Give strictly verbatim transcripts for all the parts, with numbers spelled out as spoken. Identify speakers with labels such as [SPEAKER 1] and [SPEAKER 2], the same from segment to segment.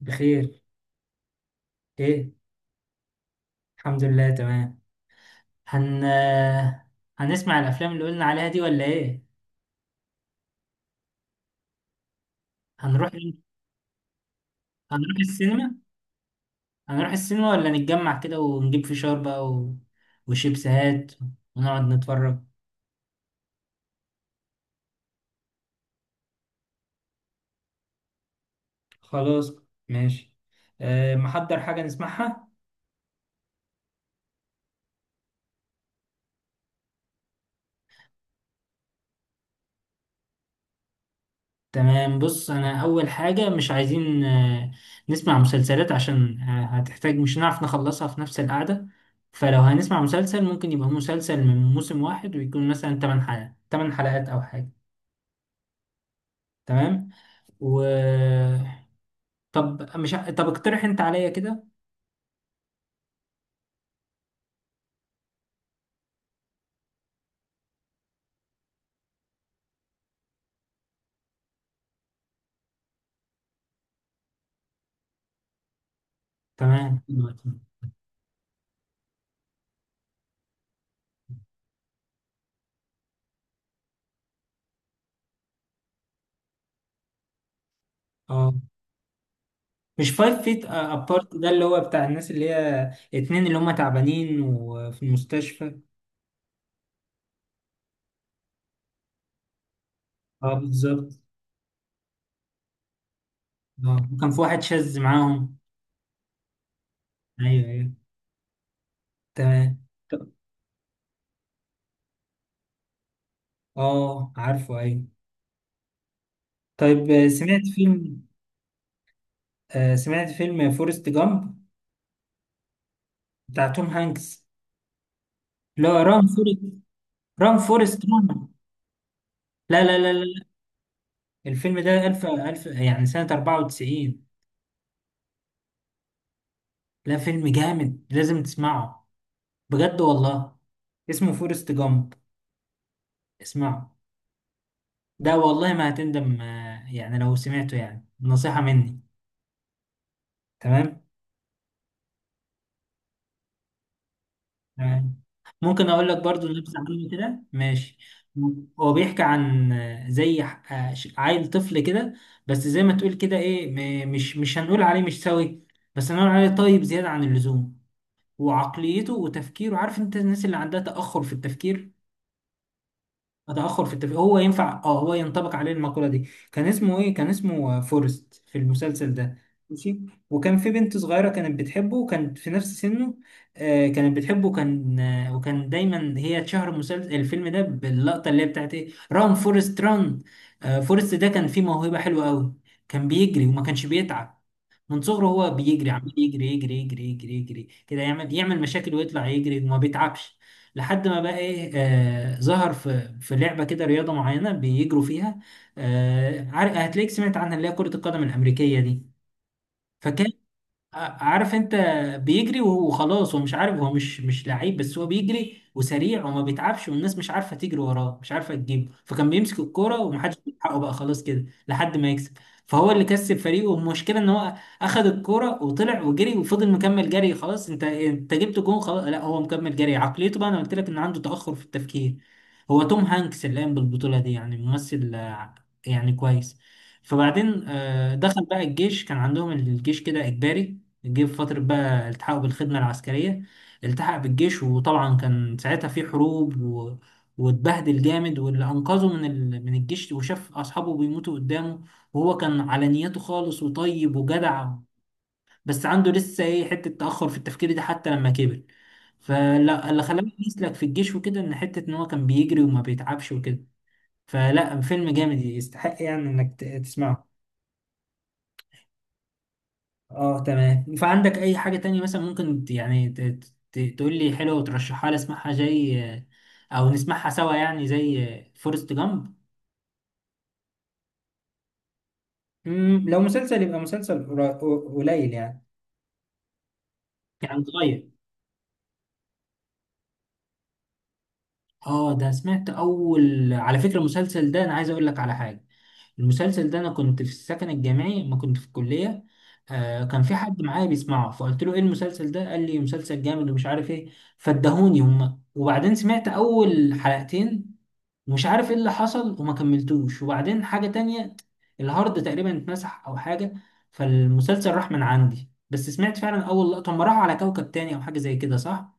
[SPEAKER 1] بخير. ايه الحمد لله تمام. هن هنسمع الافلام اللي قلنا عليها دي ولا ايه؟ هنروح هنروح السينما. هنروح السينما ولا نتجمع كده ونجيب فشار بقى و... وشيبسات ونقعد نتفرج. خلاص، ماشي. أه، محضر حاجة نسمعها. تمام، بص، انا اول حاجه مش عايزين آه، نسمع مسلسلات، عشان آه، هتحتاج مش هنعرف نخلصها في نفس القعده. فلو هنسمع مسلسل ممكن يبقى مسلسل من موسم واحد، ويكون مثلا تمن حلقات، تمن حلقات او حاجه. تمام. و طب مش ع- طب اقترح انت عليا كده. تمام دلوقتي. اه، مش فايف فيت ابارت ده اللي هو بتاع الناس اللي هي اتنين اللي هم تعبانين وفي المستشفى؟ اه بالظبط. اه، وكان في واحد شاذ معاهم. ايوه ايوه، تمام. ط- اه عارفه، ايوه. طيب آه، سمعت فيلم آه، سمعت فيلم فورست جامب بتاع توم هانكس؟ لا ران فورست، ران فورست ران. لا لا لا لا لا. الفيلم ده ألف ألف يعني سنة أربعة وتسعين. لا فيلم جامد لازم تسمعه، بجد والله. اسمه فورست جامب، اسمعه. ده والله ما هتندم، آه، يعني لو سمعته يعني نصيحة مني. تمام. تمام، ممكن اقول لك برضو نبذه عنه كده، ماشي؟ هو بيحكي عن زي ح- آه، ش- عيل طفل كده، بس زي ما تقول كده ايه، م- مش مش هنقول عليه مش سوي، بس هنقول عليه طيب زياده عن اللزوم. وعقليته وتفكيره، عارف انت الناس اللي عندها تاخر في التفكير؟ تأخر في التفكير، هو ينفع، اه هو ينطبق عليه المقولة دي. كان اسمه ايه؟ كان اسمه آه، فورست في المسلسل ده. ماشي. وكان في بنت صغيرة كانت بتحبه، وكانت في نفس سنه. آه كانت بتحبه، وكان آه وكان دايما هي اتشهر المسلسل الفيلم ده باللقطة اللي هي بتاعت ايه، ران فورست ران. آه فورست ده كان فيه موهبة حلوة قوي، كان بيجري وما كانش بيتعب. من صغره هو بيجري، عمال يجري يجري يجري يجري يجري كده، يعمل يعمل مشاكل ويطلع يجري وما بيتعبش. لحد ما بقى ايه، آه ظهر في في لعبه كده، رياضه معينه بيجروا فيها. آه عار- هتلاقيك سمعت عنها اللي هي كره القدم الامريكيه دي. فكان، ع- عارف انت، بيجري وهو- وخلاص هو مش عارف، هو مش مش لعيب، بس هو بيجري وسريع وما بيتعبش، والناس مش عارفه تجري وراه، مش عارفه تجيبه، فكان بيمسك الكوره ومحدش بيلحقه بقى، خلاص كده لحد ما يكسب. فهو اللي كسب فريقه، والمشكله ان هو اخذ الكوره وطلع وجري وفضل مكمل جري. خلاص انت انت جبت جون، خلاص. لا هو مكمل جري، عقليته بقى انا قلت لك ان عنده تاخر في التفكير. هو توم هانكس اللي قام بالبطوله دي، يعني ممثل آه، يعني كويس. فبعدين آه، دخل بقى الجيش، كان عندهم الجيش كده اجباري. جه في فترة بقى التحقه بالخدمة العسكرية. التحق بالجيش، وطبعا كان ساعتها في حروب و... واتبهدل جامد، واللي أنقذه من ال... من الجيش، وشاف أصحابه بيموتوا قدامه، وهو كان على نيته خالص وطيب وجدع، بس عنده لسه إيه حتة تأخر في التفكير دي حتى لما كبر. فلا، اللي خلاه يسلك في الجيش وكده إن حتة إن هو كان بيجري وما بيتعبش وكده. فلا فيلم جامد، يستحق يعني إنك ت- تسمعه. اه تمام. فعندك اي حاجة تانية مثلا ممكن ت- يعني ت- ت- تقول لي حلوة وترشحها لي اسمعها، زي، او نسمعها سوا يعني زي فورست جامب. مم، لو مسلسل يبقى مسلسل قرا- قليل يعني، يعني صغير. اه ده سمعت، اول على فكرة المسلسل ده انا عايز اقول لك على حاجة. المسلسل ده انا كنت في السكن الجامعي، ما كنت في الكلية. آه كان في حد معايا بيسمعه، فقلت له ايه المسلسل ده، قال لي مسلسل جامد ومش عارف ايه. فادهوني هما، وبعدين سمعت اول حلقتين، ومش عارف ايه اللي حصل وما كملتوش، وبعدين حاجة تانية، الهارد تقريبا اتمسح او حاجة، فالمسلسل راح من عندي. بس سمعت فعلا اول لقطة هم راحوا على كوكب تاني او حاجة زي كده، صح؟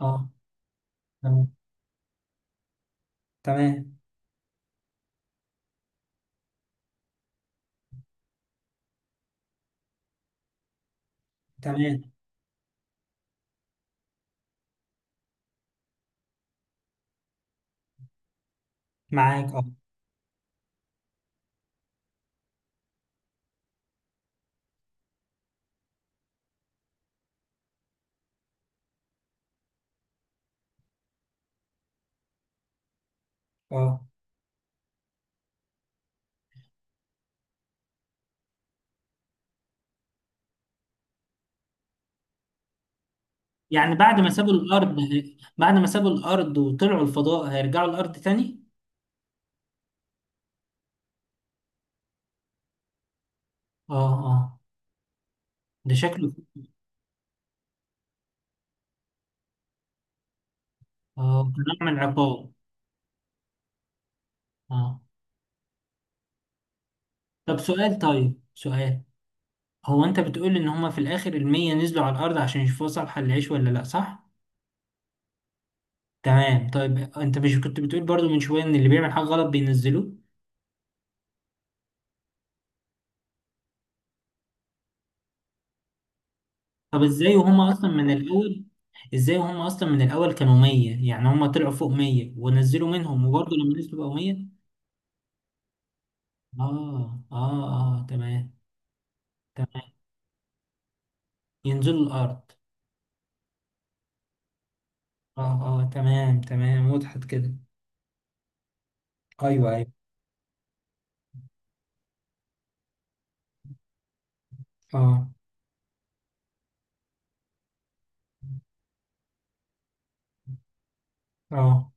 [SPEAKER 1] اه تمام، تمام تمام. معاك اه. اه، يعني بعد ما سابوا الارض، بعد ما سابوا الارض وطلعوا الفضاء هيرجعوا الارض تاني؟ اه اه، ده شكله. اه، كان نوع من العقاب. اه. طب سؤال، طيب سؤال، هو انت بتقول ان هما في الاخر المية نزلوا على الارض عشان يشوفوا صالحة للعيش ولا لا، صح؟ تمام. طيب انت مش كنت بتقول برضو من شوية ان اللي بيعمل حاجة غلط بينزلوه؟ طب ازاي وهما اصلا من الاول، ازاي وهما اصلا من الاول كانوا مية، يعني هما طلعوا فوق مية ونزلوا منهم، وبرضو لما نزلوا بقوا مية؟ اه اه اه، تمام. تمام، ينزلوا الارض. اه اه تمام تمام، وضحت كده. ايوه ايوه. اه اه.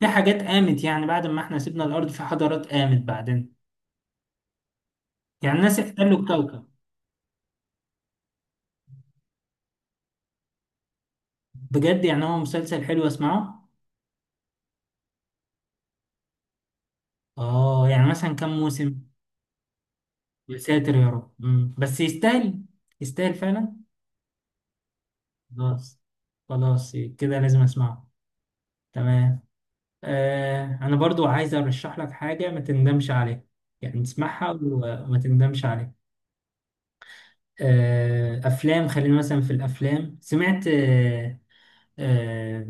[SPEAKER 1] في حاجات قامت، يعني بعد ما احنا سيبنا الارض في حضارات قامت بعدين؟ يعني الناس احتلوا الكوكب. بجد؟ يعني هو مسلسل حلو، اسمعه. اه، يعني مثلا كم موسم؟ يا ساتر يا رب. مم. بس يستاهل، يستاهل فعلا. خلاص، خلاص، كده لازم اسمعه. تمام. آه انا برضو عايز ارشح لك حاجة ما تندمش عليها، يعني تسمعها وما تندمش عليها. آه افلام، خلينا مثلا في الافلام، سمعت آه آه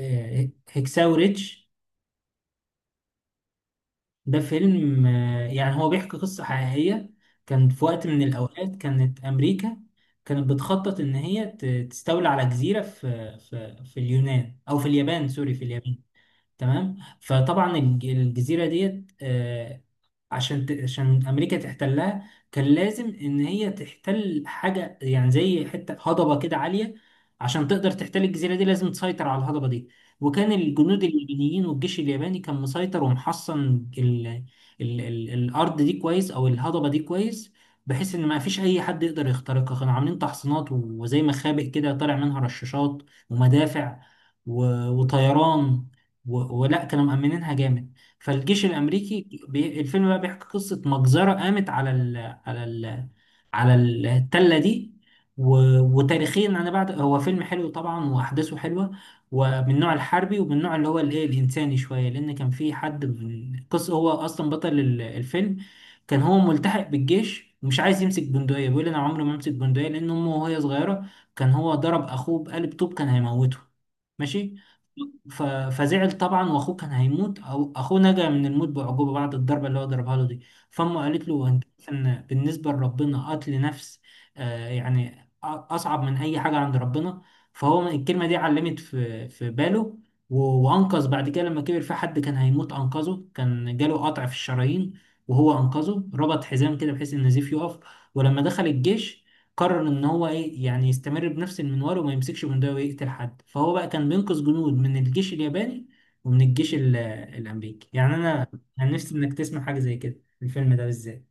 [SPEAKER 1] آه هكساو ريتش؟ ده فيلم آه، يعني هو بيحكي قصة حقيقية. كان في وقت من الأوقات كانت أمريكا كانت بتخطط إن هي ت- تستولي على جزيرة في في في اليونان أو في اليابان، سوري في اليابان. تمام. فطبعا الج- الجزيرة ديت آه، عشان ت- عشان أمريكا تحتلها، كان لازم إن هي تحتل حاجة يعني زي حتة هضبة كده عالية. عشان تقدر تحتل الجزيرة دي لازم تسيطر على الهضبة دي. وكان الجنود اليابانيين والجيش الياباني كان مسيطر ومحصن ال ال ال الأرض دي كويس، أو الهضبة دي كويس، بحيث إن ما فيش أي حد يقدر يخترقها. كانوا عاملين تحصينات وزي مخابئ كده طالع منها رشاشات ومدافع و- وطيران، و- ولا كانوا مأمنينها جامد. فالجيش الأمريكي بي... الفيلم بقى بيحكي قصة مجزرة قامت على ال... على ال... على التلة دي و... وتاريخيا. أنا بعد، هو فيلم حلو طبعا وأحداثه حلوة، ومن النوع الحربي، ومن النوع اللي هو الإيه الإنساني شوية، لأن كان في حد، من قصة هو أصلا بطل ال- الفيلم. كان هو ملتحق بالجيش، ومش عايز يمسك بندقية، بيقول أنا عمري ما أمسك بندقية، لأن أمه وهي صغيرة كان هو ضرب أخوه بقلب طوب كان هيموته. ماشي. ف- فزعل طبعا، واخوه كان هيموت، او اخوه نجا من الموت بعجوبه بعد الضربه اللي هو ضربها له دي. فامه قالت له انت عارف ان بالنسبه لربنا قتل نفس، آه يعني أ- اصعب من اي حاجه عند ربنا. فهو الكلمه دي علمت في في باله. و- وانقذ بعد كده لما كبر، في حد كان هيموت انقذه، كان جاله قطع في الشرايين، وهو انقذه، ربط حزام كده بحيث ان النزيف يقف. ولما دخل الجيش، قرر ان هو ايه يعني يستمر بنفس المنوال وما يمسكش بندقية ويقتل حد. فهو بقى كان بينقذ جنود من الجيش الياباني ومن الجيش ال- الامريكي. يعني انا انا نفسي انك تسمع حاجة زي كده، الفيلم ده بالذات.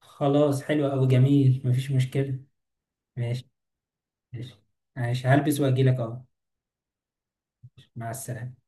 [SPEAKER 1] خلاص حلو أوي، جميل، مفيش مشكلة، ماشي. ماشي، ماشي، هلبس واجيلك اهو. مع السلامة.